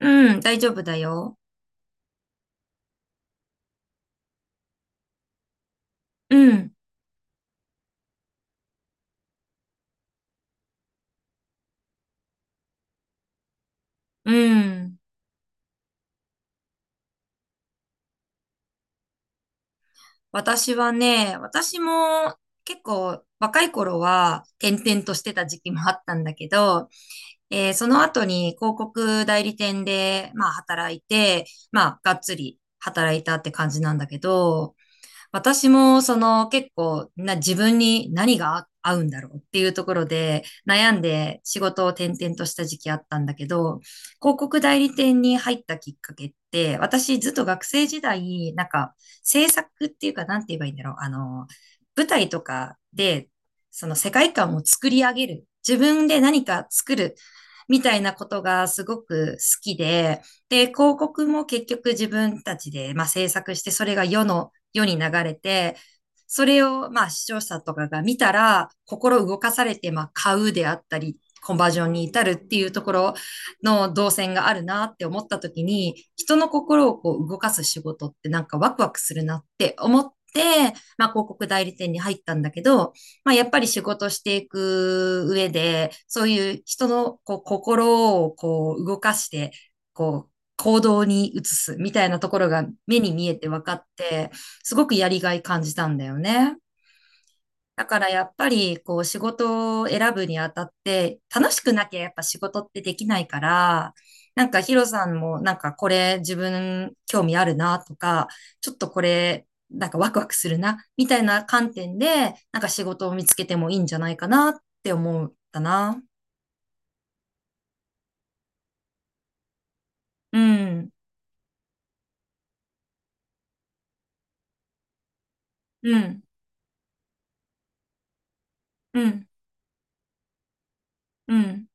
うん、大丈夫だよ。うん、うん。私はね、私も結構若い頃は転々としてた時期もあったんだけど、その後に広告代理店で、まあ働いて、まあがっつり働いたって感じなんだけど、私もその結構な自分に何が合うんだろうっていうところで悩んで仕事を転々とした時期あったんだけど、広告代理店に入ったきっかけって、私ずっと学生時代、なんか制作っていうかなんて言えばいいんだろう。舞台とかでその世界観を作り上げる。自分で何か作る。みたいなことがすごく好きで、で、広告も結局自分たちで、まあ、制作して、それが世に流れて、それを、まあ、視聴者とかが見たら、心動かされて、まあ、買うであったり、コンバージョンに至るっていうところの動線があるなって思った時に、人の心をこう動かす仕事ってなんかワクワクするなって思って、まあ、広告代理店に入ったんだけど、まあ、やっぱり仕事していく上で、そういう人のこう心をこう動かして、こう行動に移すみたいなところが目に見えて分かって、すごくやりがい感じたんだよね。だからやっぱり、こう、仕事を選ぶにあたって、楽しくなきゃやっぱ仕事ってできないから、なんかヒロさんも、なんかこれ自分興味あるなとか、ちょっとこれ、なんかワクワクするな、みたいな観点で、なんか仕事を見つけてもいいんじゃないかなって思ったな。うん、うん、うん、うん、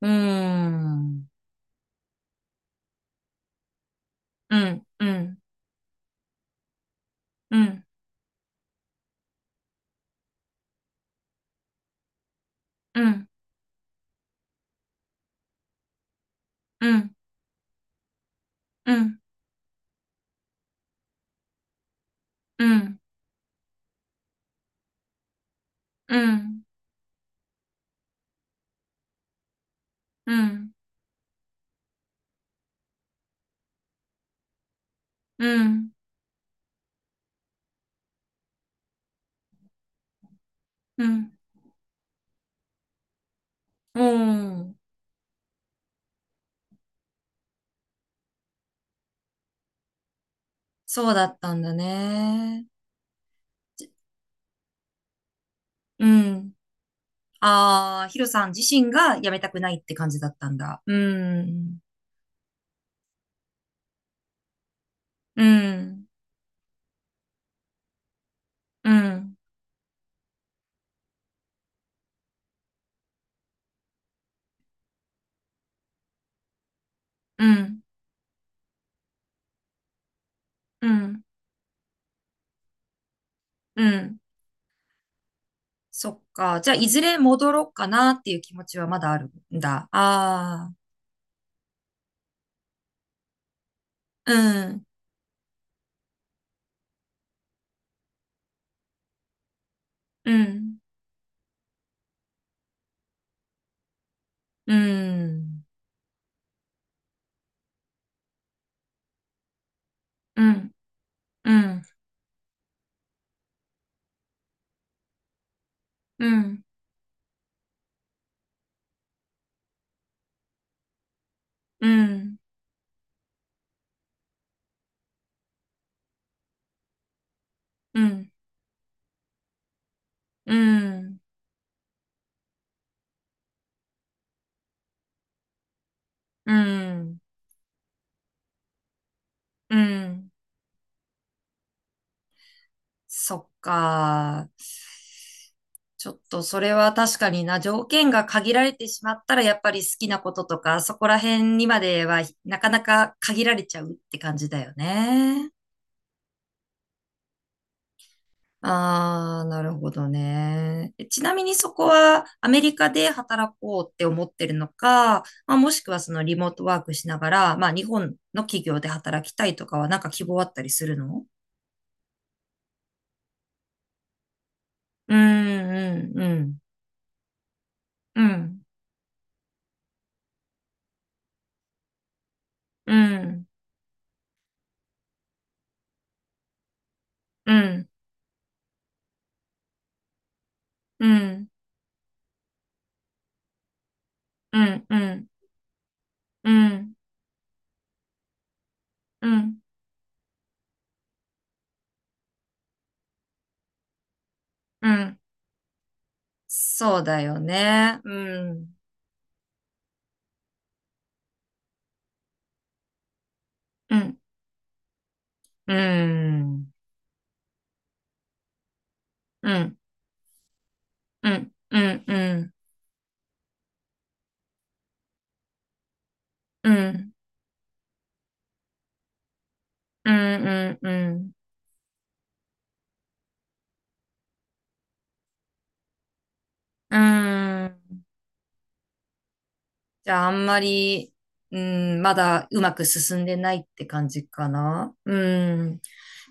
うん、うん、うん、うん、うん、うん、うん、うん、うん。うん、うん、うん、うん。そうだったんだね。うん。ああ、ヒロさん自身が辞めたくないって感じだったんだ。うん、うん、うん、うん、うん、うん。そっか。じゃあ、いずれ戻ろうかなっていう気持ちはまだあるんだ。ああ、うん、うん、うん、うん、うん、うん、うん、うん、うん、うん、うん。そっか。ちょっとそれは確かにな、条件が限られてしまったら、やっぱり好きなこととか、そこら辺にまではなかなか限られちゃうって感じだよね。ああ、なるほどね。えちなみにそこはアメリカで働こうって思ってるのか、まあ、もしくはそのリモートワークしながら、まあ日本の企業で働きたいとかはなんか希望あったりするの？うん、うん、うん、うん、うん、うん。うん、うん、うん、うん、うん、うん。そうだよね。うん、うん、うん、うん、うん、うん、うん、うん、うん、うん、うん。じゃあ、あんまり、うん、まだうまく進んでないって感じかな。うん。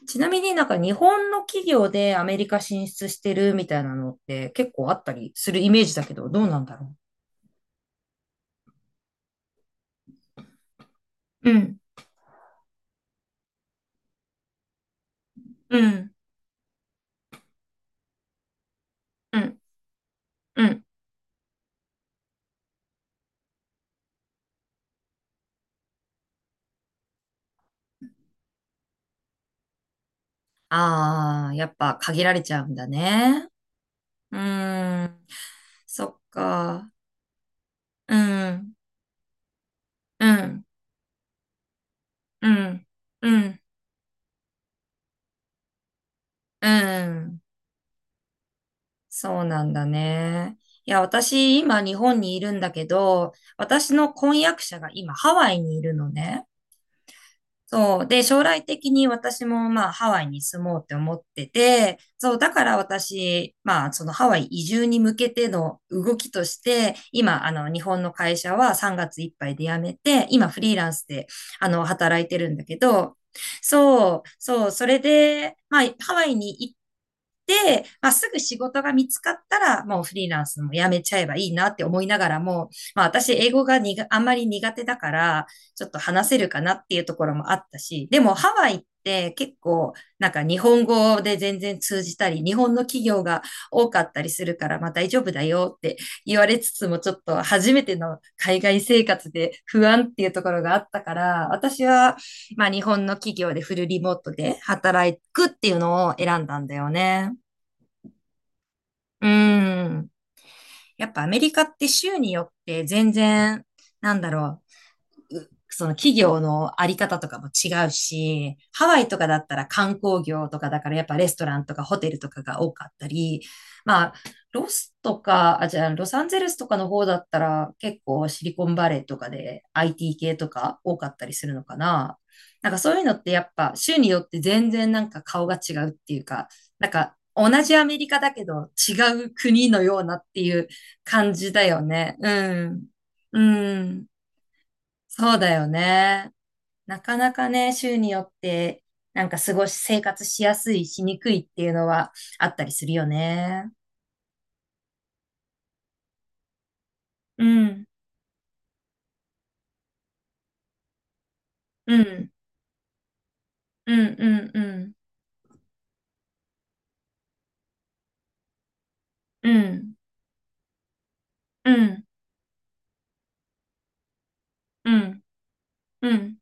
ちなみになんか日本の企業でアメリカ進出してるみたいなのって結構あったりするイメージだけど、どうなんだろう。うん、うん、うん、うん。ああ、やっぱ限られちゃうんだね。うーん。そっか。うん。うん。うん。うん。うん。そうなんだね。いや、私、今、日本にいるんだけど、私の婚約者が今、ハワイにいるのね。そう。で、将来的に私もまあハワイに住もうって思ってて、そう、だから私、まあそのハワイ移住に向けての動きとして、今、あの日本の会社は3月いっぱいで辞めて、今フリーランスであの働いてるんだけど、そう、そう、それで、まあハワイに行って、まあすぐ仕事が見つかったら、もうフリーランスも辞めちゃえばいいなって思いながらも、まあ私英語があんまり苦手だから、ちょっと話せるかなっていうところもあったし、でもハワイって結構なんか日本語で全然通じたり、日本の企業が多かったりするからまあ大丈夫だよって言われつつもちょっと初めての海外生活で不安っていうところがあったから、私はまあ日本の企業でフルリモートで働くっていうのを選んだんだよね。うん。やっぱアメリカって州によって全然なんだろう、その企業のあり方とかも違うし、ハワイとかだったら観光業とかだからやっぱレストランとかホテルとかが多かったり、まあ、ロスとか、あ、じゃあ、ロサンゼルスとかの方だったら結構シリコンバレーとかで IT 系とか多かったりするのかな。なんかそういうのってやっぱ州によって全然なんか顔が違うっていうか、なんか同じアメリカだけど違う国のようなっていう感じだよね。うん。うん。そうだよね。なかなかね、州によって、なんか過ごし、生活しやすい、しにくいっていうのはあったりするよね。うん、うん、うん、うん、うん、うん、うん、うん、うん、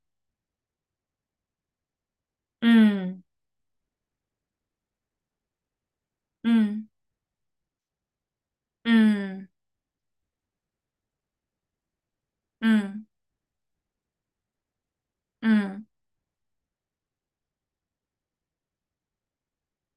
うん、うん、うん、うん、うん。うん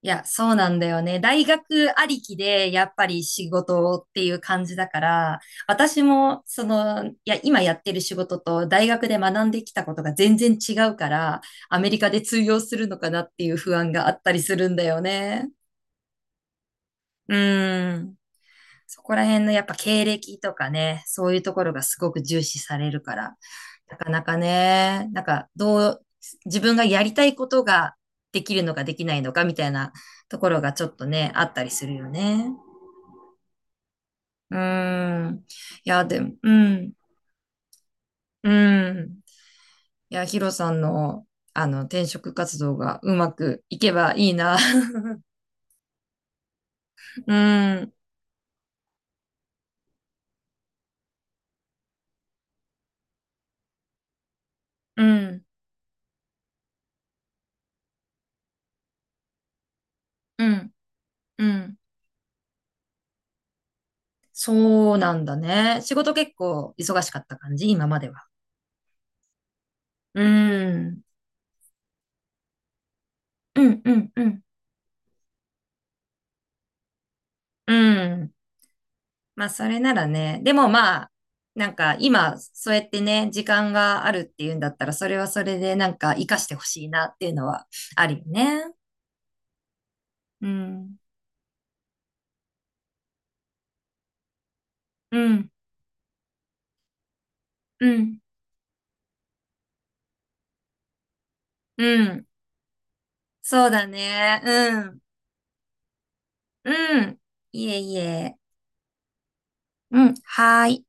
いや、そうなんだよね。大学ありきで、やっぱり仕事っていう感じだから、私も、その、いや、今やってる仕事と大学で学んできたことが全然違うから、アメリカで通用するのかなっていう不安があったりするんだよね。うん。そこら辺のやっぱ経歴とかね、そういうところがすごく重視されるから、なかなかね、なんかどう、自分がやりたいことができるのかできないのかみたいなところがちょっとね、あったりするよね。うーん。いや、でも、うん、うん。いや、ヒロさんの、転職活動がうまくいけばいいな。うん、うん、うん、うん。そうなんだね。仕事結構忙しかった感じ、今までは。うん。うんうんうん。うん。まあ、それならね。でもまあ、なんか今、そうやってね、時間があるっていうんだったら、それはそれでなんか活かしてほしいなっていうのはあるよね。うん。うん、うん、うん。そうだね。うん。うん。いえいえ。うん。はーい。